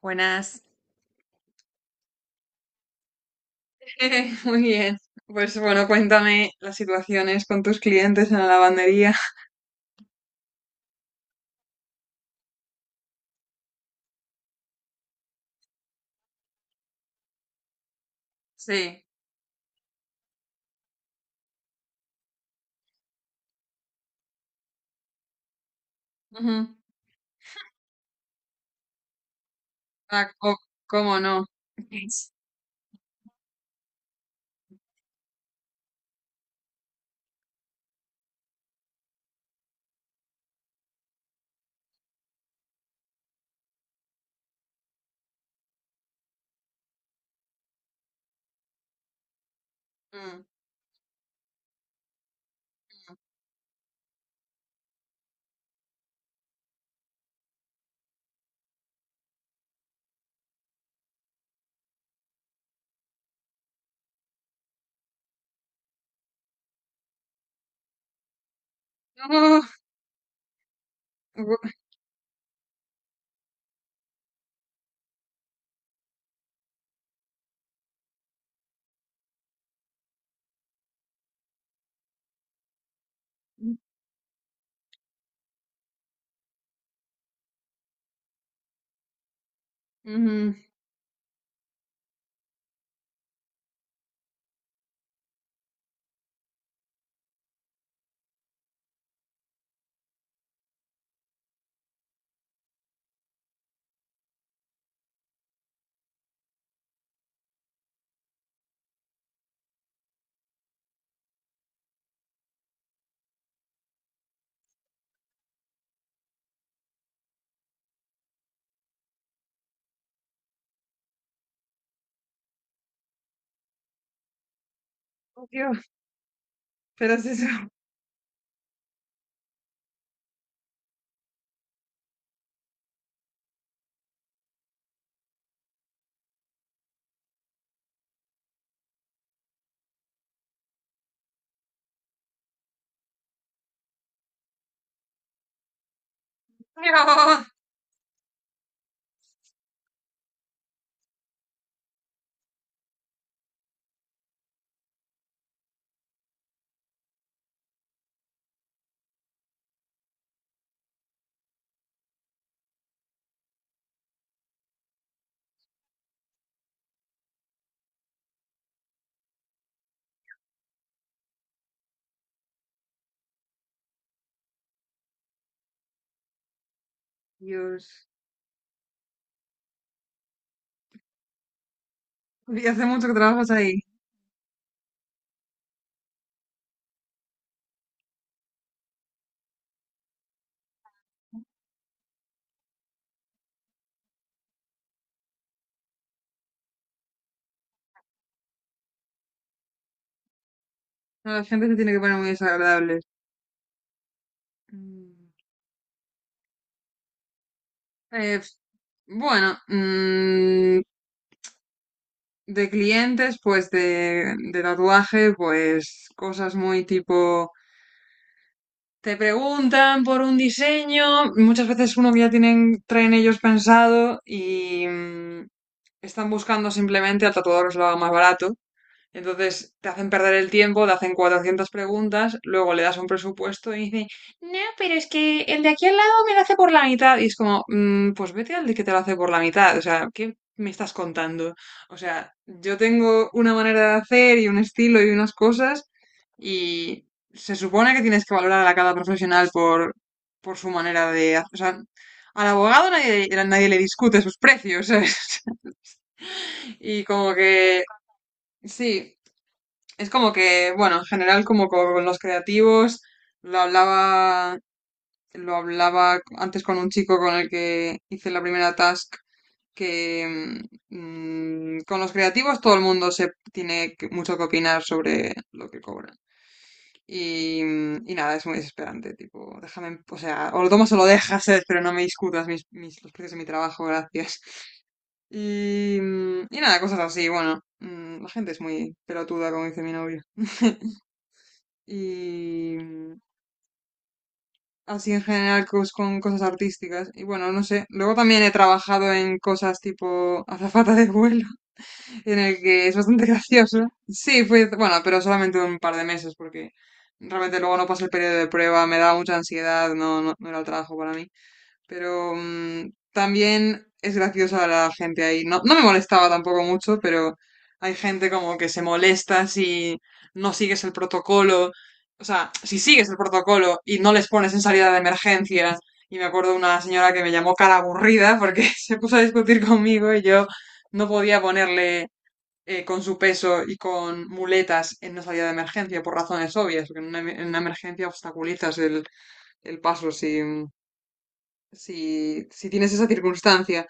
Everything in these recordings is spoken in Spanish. Buenas. Muy bien. Pues bueno, cuéntame las situaciones con tus clientes en la lavandería. Sí. Ujú. Ah, co- ¿cómo no? Es- Mm. No. Ujú. Ujú. Oh, Dios, pero es eso. No. Dios. ¿Y hace mucho que trabajas ahí? No, la gente se tiene que poner muy desagradable. Mm. Eh, bueno, de clientes, pues de tatuaje, pues cosas muy tipo. Te preguntan por un diseño, muchas veces uno que ya tienen, traen ellos pensado y están buscando simplemente al tatuador que se lo haga más barato. Entonces te hacen perder el tiempo, te hacen 400 preguntas, luego le das un presupuesto y dicen, no, pero es que el de aquí al lado me lo hace por la mitad. Y es como, "Mm, pues vete al de que te lo hace por la mitad. O sea, ¿qué me estás contando? O sea, yo tengo una manera de hacer y un estilo y unas cosas y se supone que tienes que valorar a cada profesional por su manera de hacer. O sea, al abogado nadie, nadie le discute sus precios, ¿sabes? Y como que, sí, es como que, bueno, en general como con los creativos, lo hablaba, lo hablaba antes con un chico con el que hice la primera task, que con los creativos todo el mundo se tiene que- mucho que opinar sobre lo que cobran. Y y nada, es muy desesperante, tipo, déjame, en- o sea, o lo tomas o lo dejas, ¿eh? pero no me discutas los precios de mi trabajo, gracias. Y y nada, cosas así, bueno, la gente es muy pelotuda, como dice mi novio. y mm, así en general cos- con cosas artísticas. Y bueno, no sé. Luego también he trabajado en cosas tipo azafata de vuelo, en el que es bastante gracioso. Sí, fue, bueno, pero solamente un par de meses porque realmente luego no pasé el periodo de prueba, me daba mucha ansiedad, no era el trabajo para mí. Pero también es graciosa la gente ahí. No, no me molestaba tampoco mucho, pero hay gente como que se molesta si no sigues el protocolo. O sea, si sigues el protocolo y no les pones en salida de emergencia. Y me acuerdo una señora que me llamó cara aburrida porque se puso a discutir conmigo y yo no podía ponerle con su peso y con muletas en una salida de emergencia por razones obvias, porque en una, en una emergencia obstaculizas el paso si, si tienes esa circunstancia.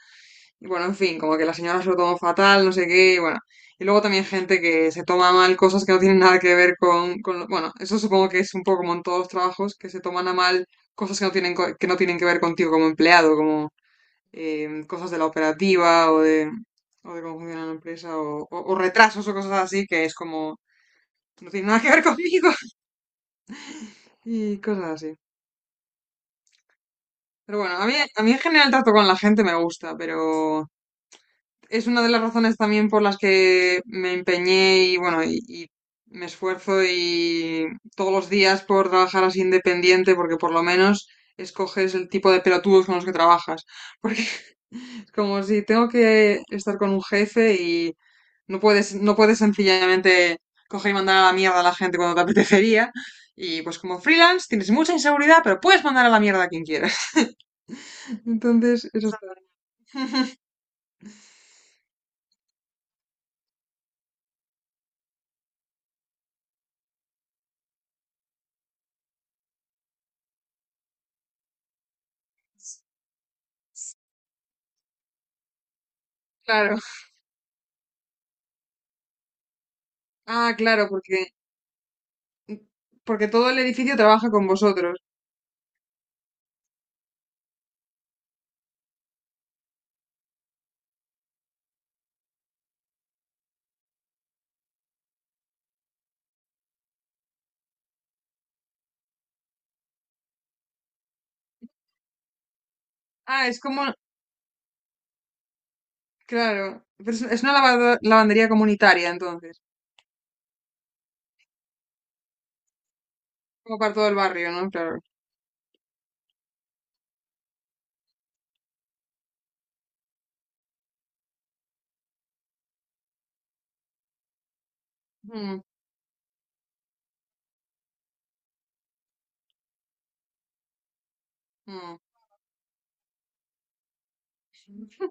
Y bueno, en fin, como que la señora se lo tomó fatal, no sé qué, y bueno. Y luego también gente que se toma mal cosas que no tienen nada que ver con lo- bueno, eso supongo que es un poco como en todos los trabajos, que se toman a mal cosas que no tienen, co- que no tienen que ver contigo como empleado, como cosas de la operativa o de cómo funciona la empresa o retrasos o cosas así, que es como, no tiene nada que ver conmigo y cosas así. Pero bueno, a mí en general el trato con la gente me gusta, pero es una de las razones también por las que me empeñé y bueno, y me esfuerzo y todos los días por trabajar así independiente, porque por lo menos escoges el tipo de pelotudos con los que trabajas. Porque es como si tengo que estar con un jefe y no puedes sencillamente coger y mandar a la mierda a la gente cuando te apetecería. Y pues como freelance tienes mucha inseguridad, pero puedes mandar a la mierda a quien quieras. Entonces, eso está claro. Ah, claro, porque, porque todo el edificio trabaja con vosotros. Ah, es como, claro, pero es una lavado- lavandería comunitaria, entonces, como para todo el barrio, ¿no? Claro. Mm, mm, mm,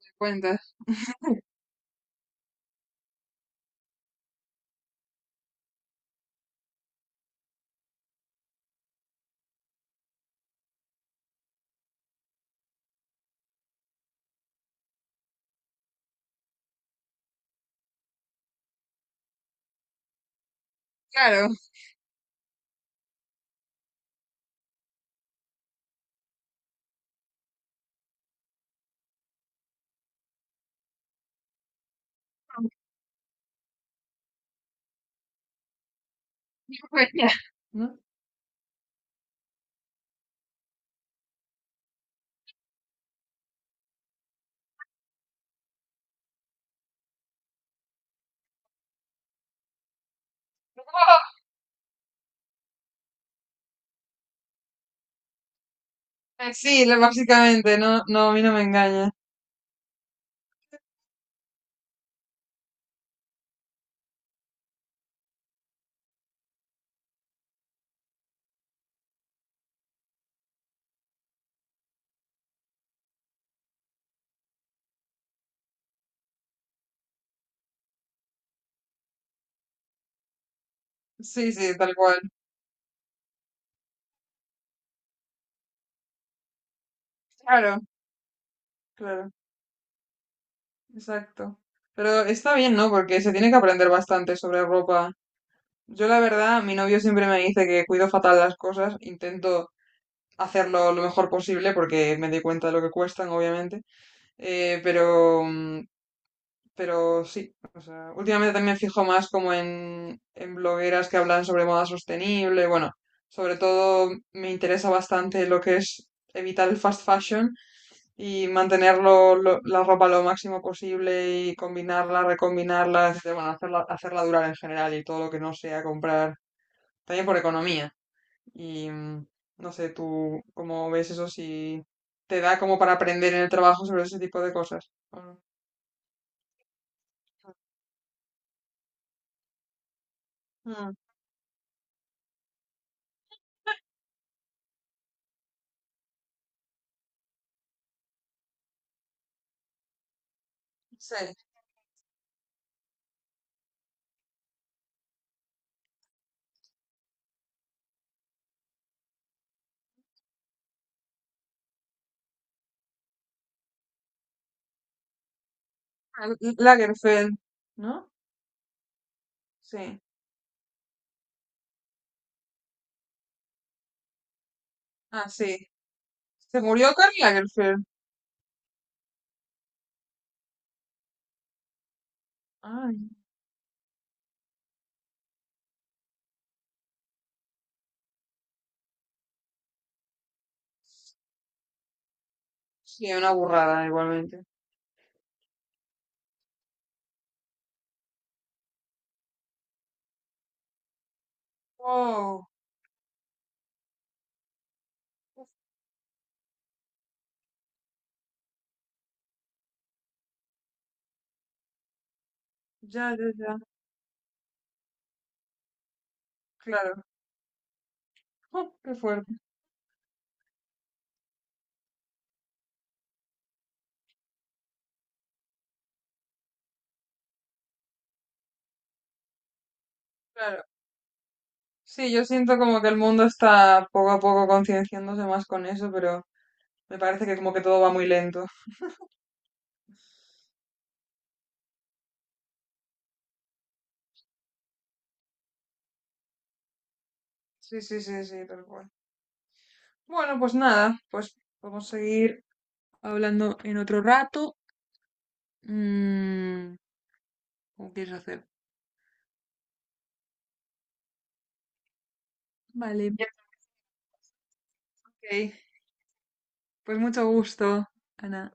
te cuentas. Claro, pues ya, ¿no? Sí, lo- básicamente, no, no, a mí no me engaña. Sí, sí, tal cual. Claro, claro, exacto. Pero está bien, ¿no? Porque se tiene que aprender bastante sobre ropa. Yo, la verdad, mi novio siempre me dice que cuido fatal las cosas, intento hacerlo lo mejor posible porque me doy cuenta de lo que cuestan, obviamente. Pero pero sí, o sea, últimamente también me fijo más como en blogueras que hablan sobre moda sostenible. Bueno, sobre todo me interesa bastante lo que es evitar el fast fashion y mantener la ropa lo máximo posible y combinarla, recombinarla, etcétera. Bueno, hacerla, hacerla durar en general y todo lo que no sea comprar, también por economía. Y mm, no sé, tú cómo ves eso, si te da como para aprender en el trabajo sobre ese tipo de cosas, ¿o no? Sí, Karl Lagerfeld, ¿no? Sí. Ah, sí. Se murió Karl Lagerfeld. Ay, sí, una burrada igualmente. Oh, uf, ya, ya, ya. Claro. Oh, qué fuerte. Claro. Sí, yo siento como que el mundo está poco a poco concienciándose más con eso, pero me parece que como que todo va muy lento. Sí, sí, sí, sí, tal cual. Bueno, pues nada, pues podemos seguir hablando en otro rato. Mm, ¿cómo quieres hacer? Vale. Ok. Pues mucho gusto, Ana.